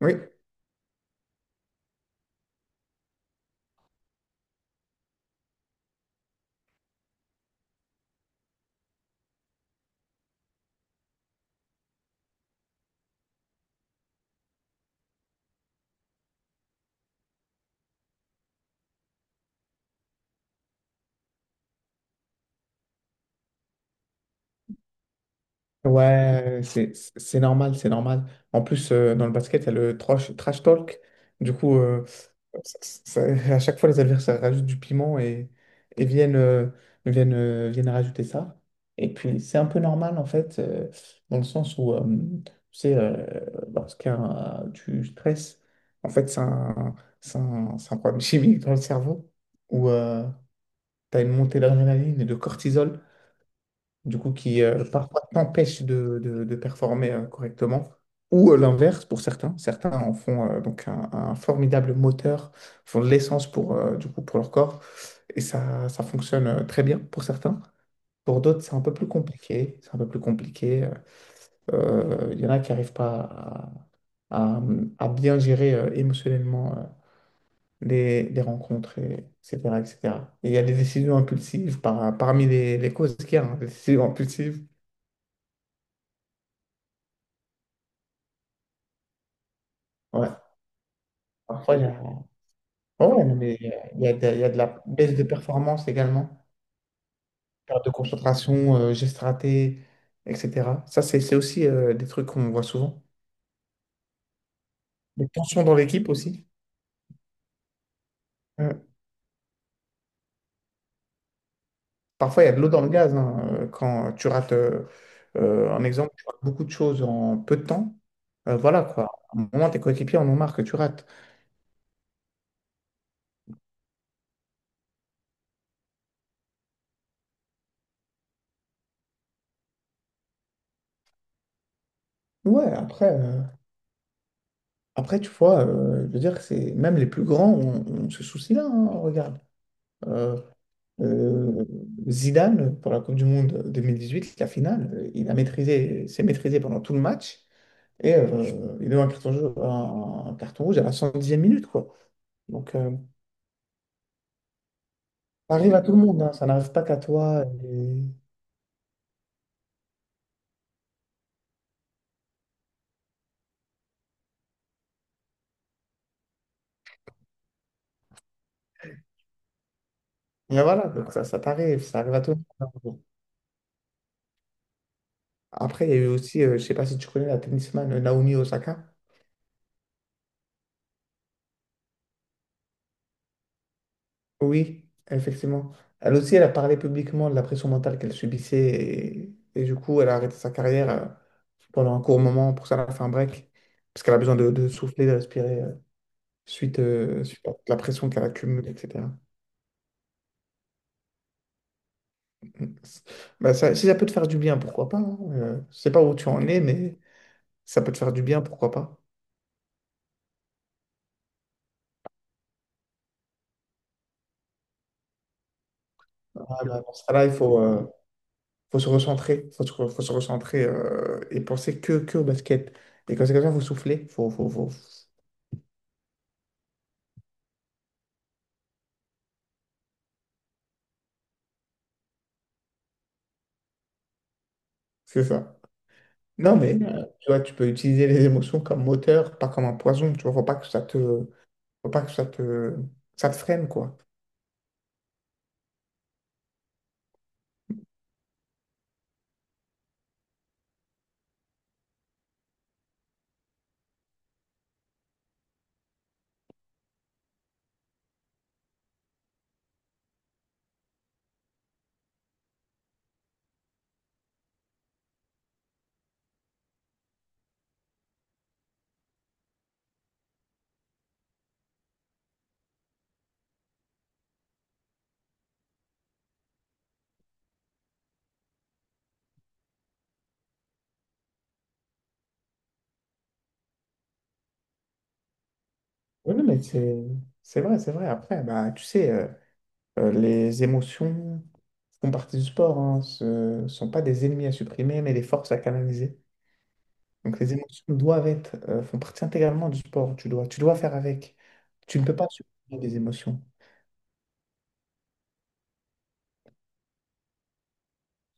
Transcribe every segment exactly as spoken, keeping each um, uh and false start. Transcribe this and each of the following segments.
Oui, ouais, c'est c'est- c'est normal, c'est normal. En plus, euh, dans le basket, il y a le trash, trash talk. Du coup, euh, ça- ça- à chaque fois, les adversaires rajoutent du piment et, et viennent, euh, viennent, euh, viennent rajouter ça. Et puis, c'est un peu normal, en fait, euh, dans le sens où, euh, tu sais, euh, lorsqu'il y a un- du stress, en fait, c'est un, c'est un, c'est un problème chimique dans le cerveau où tu as une montée d'adrénaline et de cortisol. Du coup, qui euh, parfois t'empêche de, de- de performer euh, correctement, ou euh, l'inverse pour certains. Certains en font euh, donc un, un formidable moteur, font de l'essence pour, euh, du coup, pour leur corps, et ça, ça fonctionne euh, très bien pour certains. Pour d'autres, c'est un peu plus compliqué. C'est un peu plus compliqué. Euh, euh, Il y en a qui n'arrivent pas à, à- à bien gérer euh, émotionnellement euh, les, les rencontres, et- etc., et cetera. Et il y a des décisions impulsives par- parmi les, les causes qu'il y a, hein, des décisions impulsives. Ouais. Parfois, il y a, ouais, ouais, non, mais il y a, il y a de il y a de la baisse de performance également, perte de concentration, euh, gestes ratés, et cetera. Ça, c'est c'est aussi euh, des trucs qu'on voit souvent. Des tensions dans l'équipe aussi. Euh, Parfois, il y a de l'eau dans le gaz, hein. Euh, quand tu rates, euh, euh, un exemple, tu rates beaucoup de choses en peu de temps. Euh, voilà quoi. À un moment, tes coéquipiers en ont marre que tu rates. Ouais, après, euh, après tu vois, euh, je veux dire, c'est même les plus grands ont, ont ce souci-là, hein. Regarde. Euh, Euh, Zidane, pour la Coupe du Monde deux mille dix-huit, la finale, euh, il a maîtrisé, s'est maîtrisé pendant tout le match et euh, il a eu un carton, jaune- un, un carton rouge à la cent dixième minute, quoi. Donc, euh, ça arrive à tout le monde, hein, ça n'arrive pas qu'à toi. Et, et voilà, donc ça, ça t'arrive, ça arrive à tout le monde. Après, il y a eu aussi, euh, je sais pas si tu connais la tennisman euh, Naomi Osaka. Oui, effectivement. Elle aussi, elle a parlé publiquement de la pression mentale qu'elle subissait et, et du coup, elle a arrêté sa carrière euh, pendant un court moment. Pour ça, elle a fait un break parce qu'elle a besoin de, de souffler, de respirer euh, suite, euh, suite à la pression qu'elle accumule, et cetera. Bah, ça- si ça peut te faire du bien, pourquoi pas, hein. Euh, je sais pas où tu en es, mais ça peut te faire du bien, pourquoi pas. Ah, bah, dans ce cas-là, il faut, euh, faut se recentrer, faut se, re- faut se recentrer euh, et penser que, que au basket. Et quand c'est comme ça, il faut souffler, faut, faut, faut, c'est ça. Non, mais euh, tu vois, tu peux utiliser les émotions comme moteur, pas comme un poison. Tu vois, faut pas que ça te, faut pas que ça te, ça te freine, quoi. Oui, non, mais c'est, c'est vrai, c'est vrai. Après, bah, tu sais, euh, euh, les émotions font partie du sport, hein. Ce ne sont pas des ennemis à supprimer, mais des forces à canaliser. Donc les émotions doivent être, euh, font partie intégralement du sport. Tu dois, tu dois faire avec. Tu ne peux pas supprimer des émotions.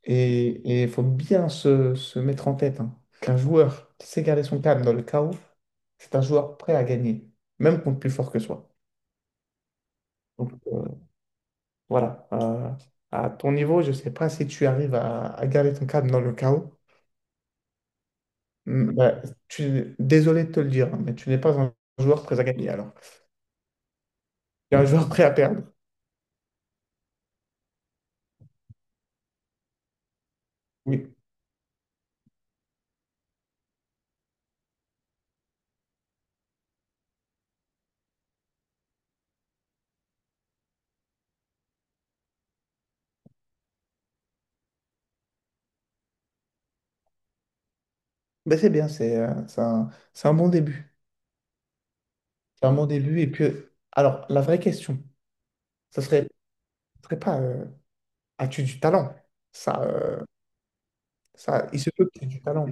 Et il faut bien se, se mettre en tête, hein, qu'un joueur qui sait garder son calme dans le chaos, c'est un joueur prêt à gagner, même contre plus fort que soi. Donc euh, voilà. Euh, à ton niveau, je ne sais pas si tu arrives à, à garder ton calme dans le chaos. Mm, bah, tu, désolé de te le dire, hein, mais tu n'es pas un joueur prêt à gagner alors. Tu es un joueur prêt à perdre. Oui, mais c'est bien, c'est euh, c'est un, c'est un bon début. Clairement au début. Et puis, euh, alors, la vraie question, ça serait, ça serait pas euh, as-tu du talent? Ça, euh, Ça, il se peut que tu aies du talent.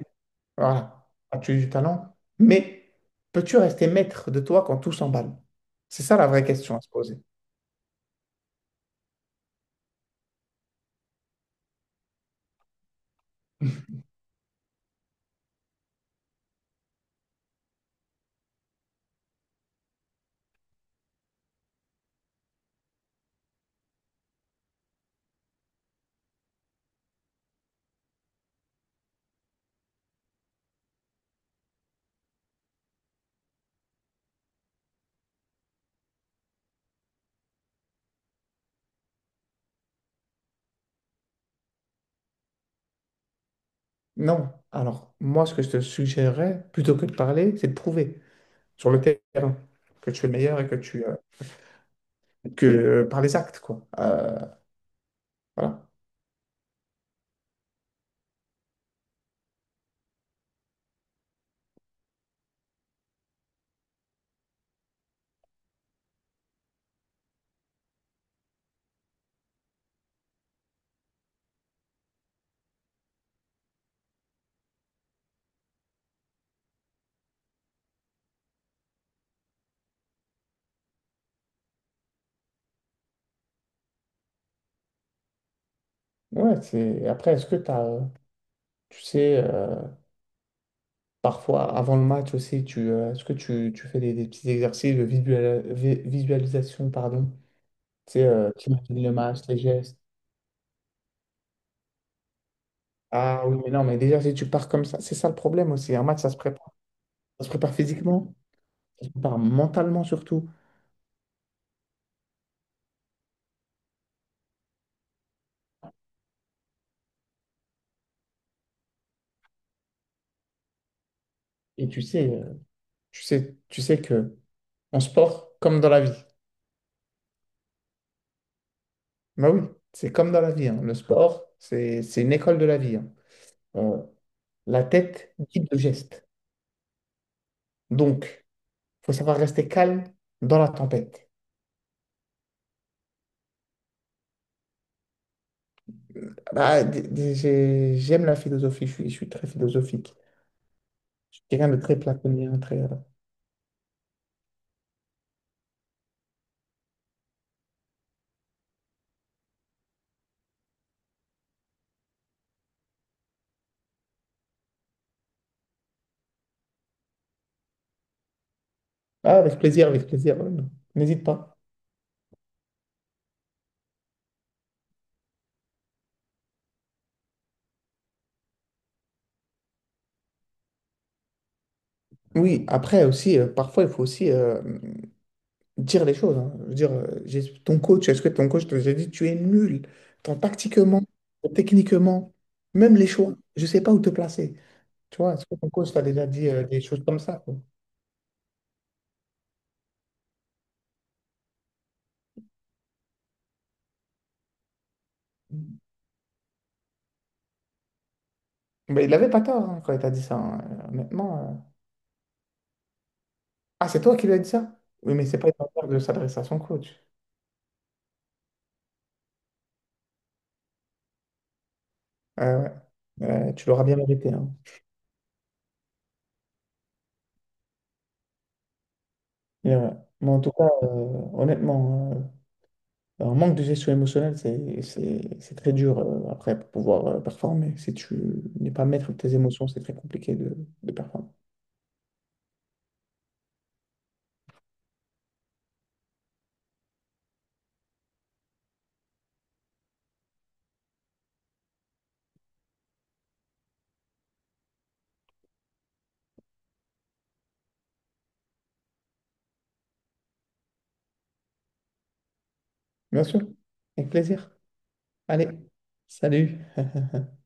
Voilà. As-tu du talent? Mais peux-tu rester maître de toi quand tout s'emballe? C'est ça la vraie question à se poser. Non. Alors, moi, ce que je te suggérerais, plutôt que de parler, c'est de prouver sur le terrain que tu es le meilleur et que tu. Euh, que euh, par les actes, quoi. Euh, Voilà. Ouais, c'est... Après, est-ce que t'as, tu sais, euh, parfois avant le match aussi, tu, euh, est-ce que tu, tu fais des, des petits exercices de visual- vi- visualisation, pardon? Tu sais, euh, t'imagines le match, les gestes. Ah oui, mais non, mais déjà, si tu pars comme ça, c'est ça le problème aussi. Un match, ça se prépare. Ça se prépare physiquement. Qui te mentalement surtout. Et tu sais, euh, tu sais, tu sais que en sport, comme dans la vie. Bah oui, c'est comme dans la vie, hein. Le sport, c'est c'est une école de la vie, hein. Euh, la tête guide le geste. Donc, faut savoir rester calme dans la tempête. Bah, d- d- j'ai- j'aime la philosophie, je suis, je suis très philosophique. Je suis quelqu'un de très platonien, très... euh, Ah, avec plaisir, avec plaisir, euh, non. N'hésite pas. Oui, après aussi, euh, parfois, il faut aussi euh, dire les choses, hein. Je veux dire, euh, j'ai- ton coach, est-ce que ton coach te déjà dit, tu es nul, tant tactiquement, tant techniquement, même les choix, je ne sais pas où te placer. Tu vois, est-ce que ton coach t'a déjà dit euh, des choses comme ça, quoi? Mais il n'avait pas tort, hein, quand il t'a dit ça, hein. Euh, Honnêtement. euh. Ah, c'est toi qui lui as dit ça? Oui, mais c'est pas une manière de s'adresser à son coach. Ah ouais. Euh, tu l'auras bien mérité, hein. Et ouais. Mais en tout cas, euh, honnêtement, hein, un manque de gestion émotionnelle, c'est, c'est, c'est très dur euh, après pour pouvoir euh, performer. Si tu n'es pas maître de tes émotions, c'est très compliqué de, de performer. Bien sûr, avec plaisir. Allez, salut.